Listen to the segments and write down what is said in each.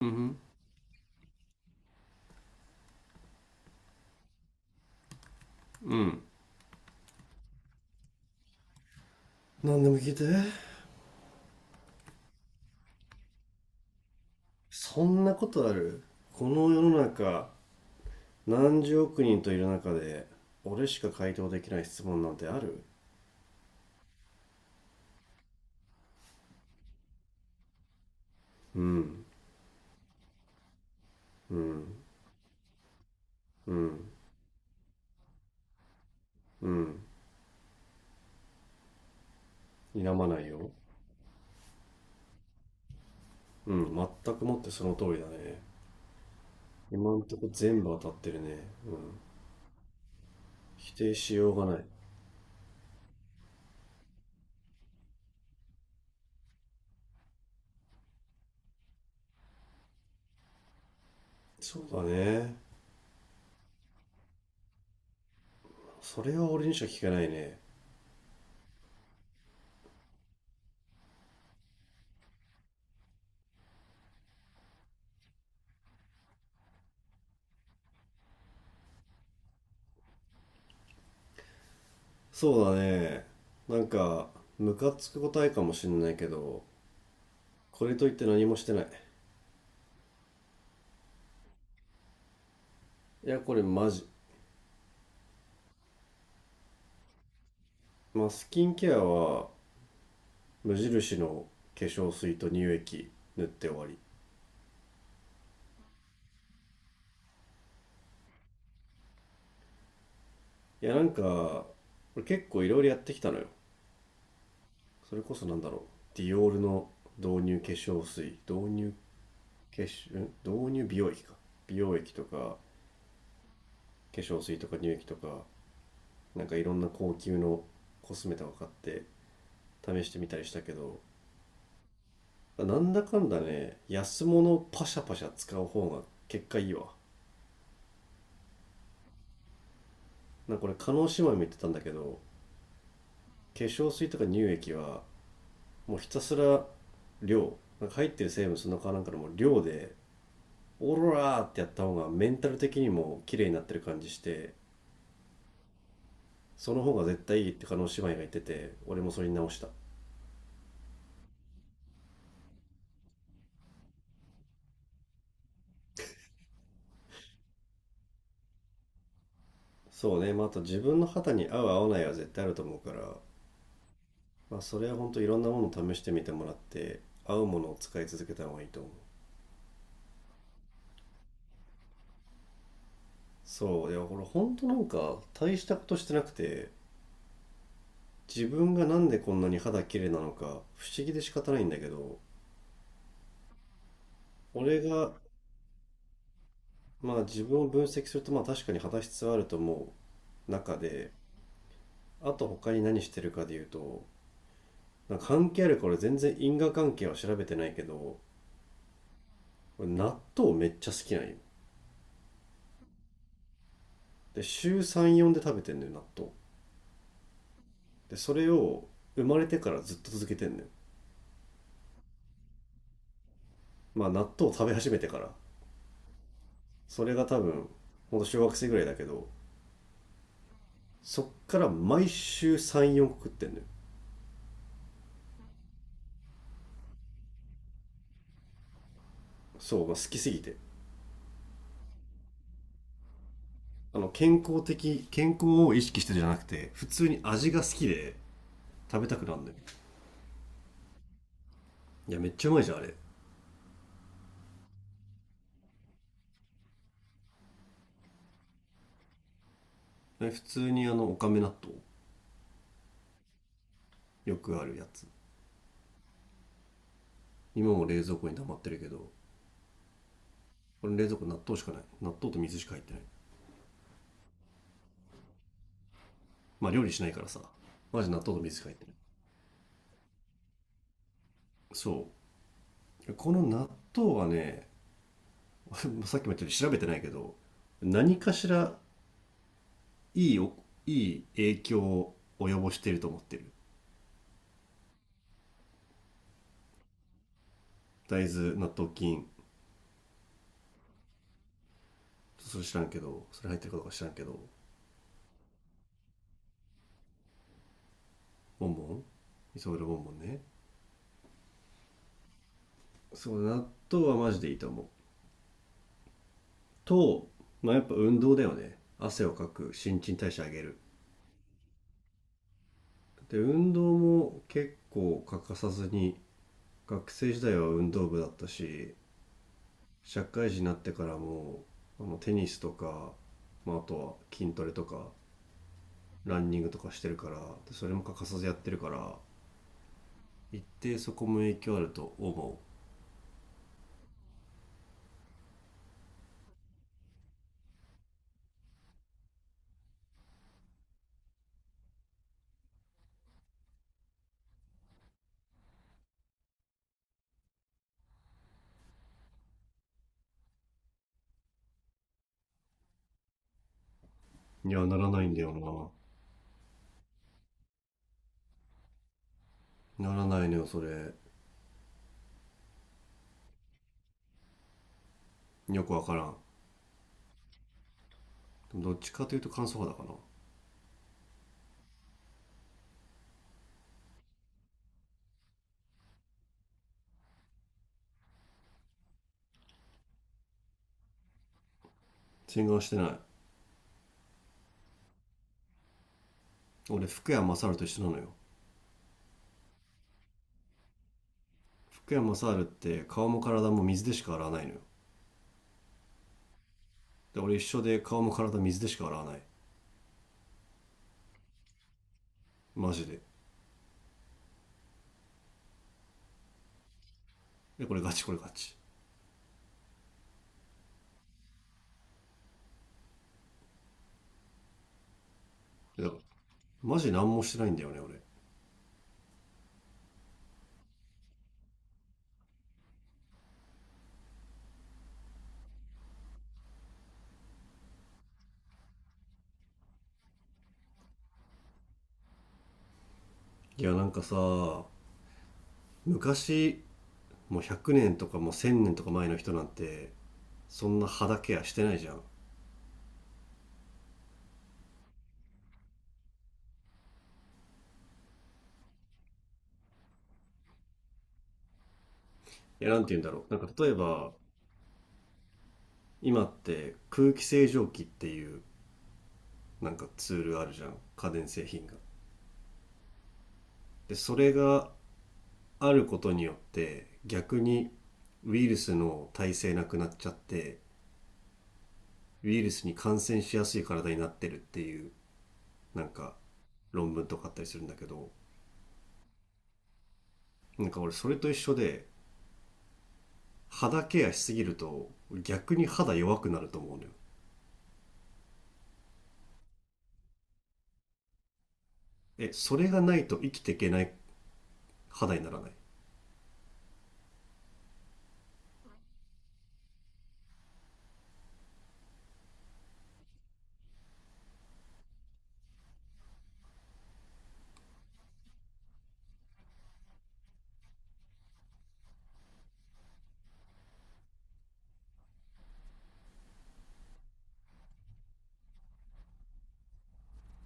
うん。うん。何でも聞いて。そんなことある？この世の中、何十億人といる中で俺しか回答できない質問なんてある？うん。うん。うん。うん。否まないよ。うん。全くもってその通りだね。今んとこ全部当たってるね。うん。否定しようがない。そうだね。それは俺にしか聞けないね。そうだね。なんかムカつく答えかもしんないけど、これといって何もしてない。いやこれマジ、まあ、スキンケアは無印の化粧水と乳液塗って終わり。いやなんか俺結構いろいろやってきたのよ。それこそなんだろう、ディオールの導入化粧水、導入化粧ん、導入美容液か、美容液とか化粧水とか乳液とか、なんかいろんな高級のコスメとか買って試してみたりしたけど、なんだかんだね安物パシャパシャ使う方が結果いいわ。なんかこれ加納姉妹も言ってたんだけど、化粧水とか乳液はもうひたすら量、なんか入ってる成分そのかなんかのもう量で、オーロラーってやった方がメンタル的にも綺麗になってる感じして、その方が絶対いいって加納姉妹が言ってて、俺もそれに直した。そうね、まああと自分の肌に合う合わないは絶対あると思うから、まあそれは本当いろんなものを試してみてもらって、合うものを使い続けた方がいいと思う。そういやこれ本当なんか大したことしてなくて、自分がなんでこんなに肌綺麗なのか不思議で仕方ないんだけど、俺が、まあ自分を分析すると、まあ確かに肌質はあると思う中で、あと他に何してるかで言うと、なんか関係あるか、俺全然因果関係は調べてないけど、俺納豆めっちゃ好きなんよ。で、週3、4で食べてんのよ、納豆。で、それを生まれてからずっと続けてんのよ。まあ納豆を食べ始めてから。それが多分、ほんと小学生ぐらいだけど、そっから毎週3、4個食ってんのよ。そう、まあ、好きすぎて。あの健康を意識してるじゃなくて、普通に味が好きで食べたくなるんだよ。いやめっちゃうまいじゃんあれ。あれ普通にあのおかめ納豆、よくあるやつ。今も冷蔵庫に溜まってるけど、これ冷蔵庫納豆しかない、納豆と水しか入ってない。まあ料理しないからさ、マジ納豆と水しか入ってない。そうこの納豆はね、 さっきも言ったように調べてないけど、何かしらいいおいい影響を及ぼしていると思ってる。大豆納豆菌。それ知らんけど、それ入ってるかどうか知らんけど。ボンボン、磯村ボンボンね。そう納豆はマジでいいと思うと、まあやっぱ運動だよね、汗をかく、新陳代謝上げる。で運動も結構欠かさずに、学生時代は運動部だったし、社会人になってからもあのテニスとか、まあ、あとは筋トレとかランニングとかしてるから、それも欠かさずやってるから、一定そこも影響あると思う。いやならないんだよな。ならないのよそれ。よくわからん。どっちかというと乾燥肌かな。洗顔してない。俺福山雅治と一緒なのよ。福山雅治って顔も体も水でしか洗わないのよ。で俺一緒で顔も体水でしか洗わない。マジで。でこれガチ、これガチ。でだから、マジ何もしてないんだよね俺。いやなんかさ、昔、もう100年とか、もう1000年とか前の人なんて、そんな肌ケアしてないじゃん。いやなんて言うんだろう、なんか例えば、今って空気清浄機っていう、なんかツールあるじゃん、家電製品が。でそれがあることによって、逆にウイルスの耐性なくなっちゃって、ウイルスに感染しやすい体になってるっていう、なんか論文とかあったりするんだけど、なんか俺それと一緒で、肌ケアしすぎると逆に肌弱くなると思うのよ。えそれがないと生きていけない肌にならない。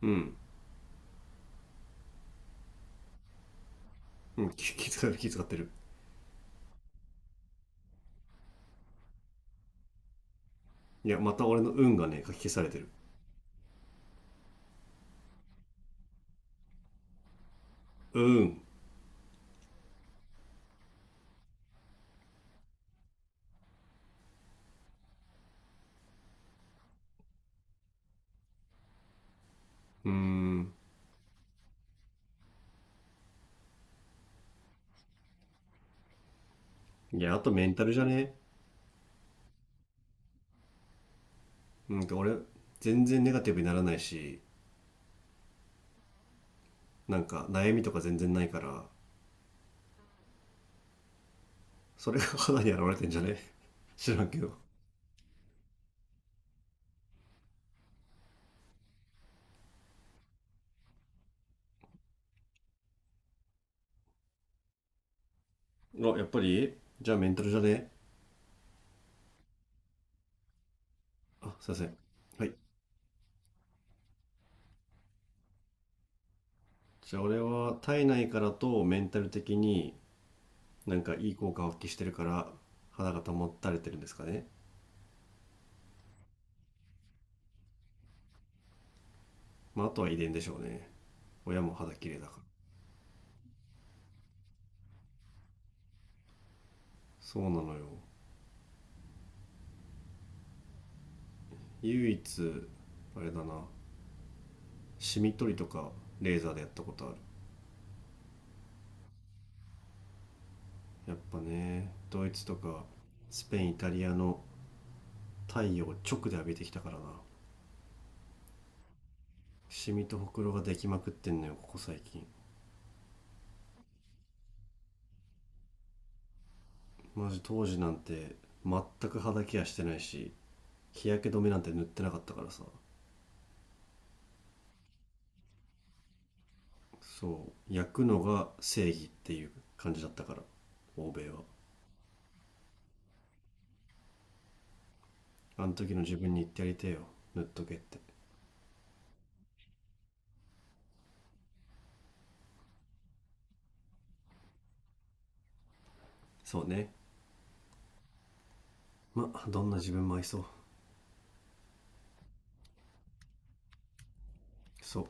うん。うん、気遣ってる。いや、また俺の運がね、書き消されてる。うん。うーん。いや、あとメンタルじゃね？なんか俺、全然ネガティブにならないし、なんか悩みとか全然ないから、それが肌に現れてんじゃね？ 知らんけど。あやっぱりじゃあメンタルじゃね？あすいません。はい。じゃあ俺は体内からとメンタル的になんかいい効果を発揮してるから、肌が保たれてるんですかね？まああとは遺伝でしょうね、親も肌綺麗だから。そうなのよ。唯一あれだな、シミ取りとかレーザーでやったことある。やっぱねドイツとかスペイン、イタリアの太陽を直で浴びてきたからな。シミとほくろができまくってんのよ、ここ最近。マジ当時なんて全く肌ケアしてないし、日焼け止めなんて塗ってなかったからさ。そう焼くのが正義っていう感じだったから、欧米は。あの時の自分に言ってやりてえよ、塗っとけって。そうね。まあどんな自分も愛そう。そう。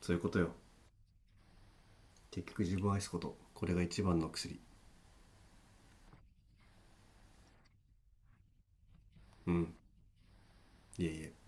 そういうことよ。結局自分を愛すこと、これが一番の薬。うん。いえいえ。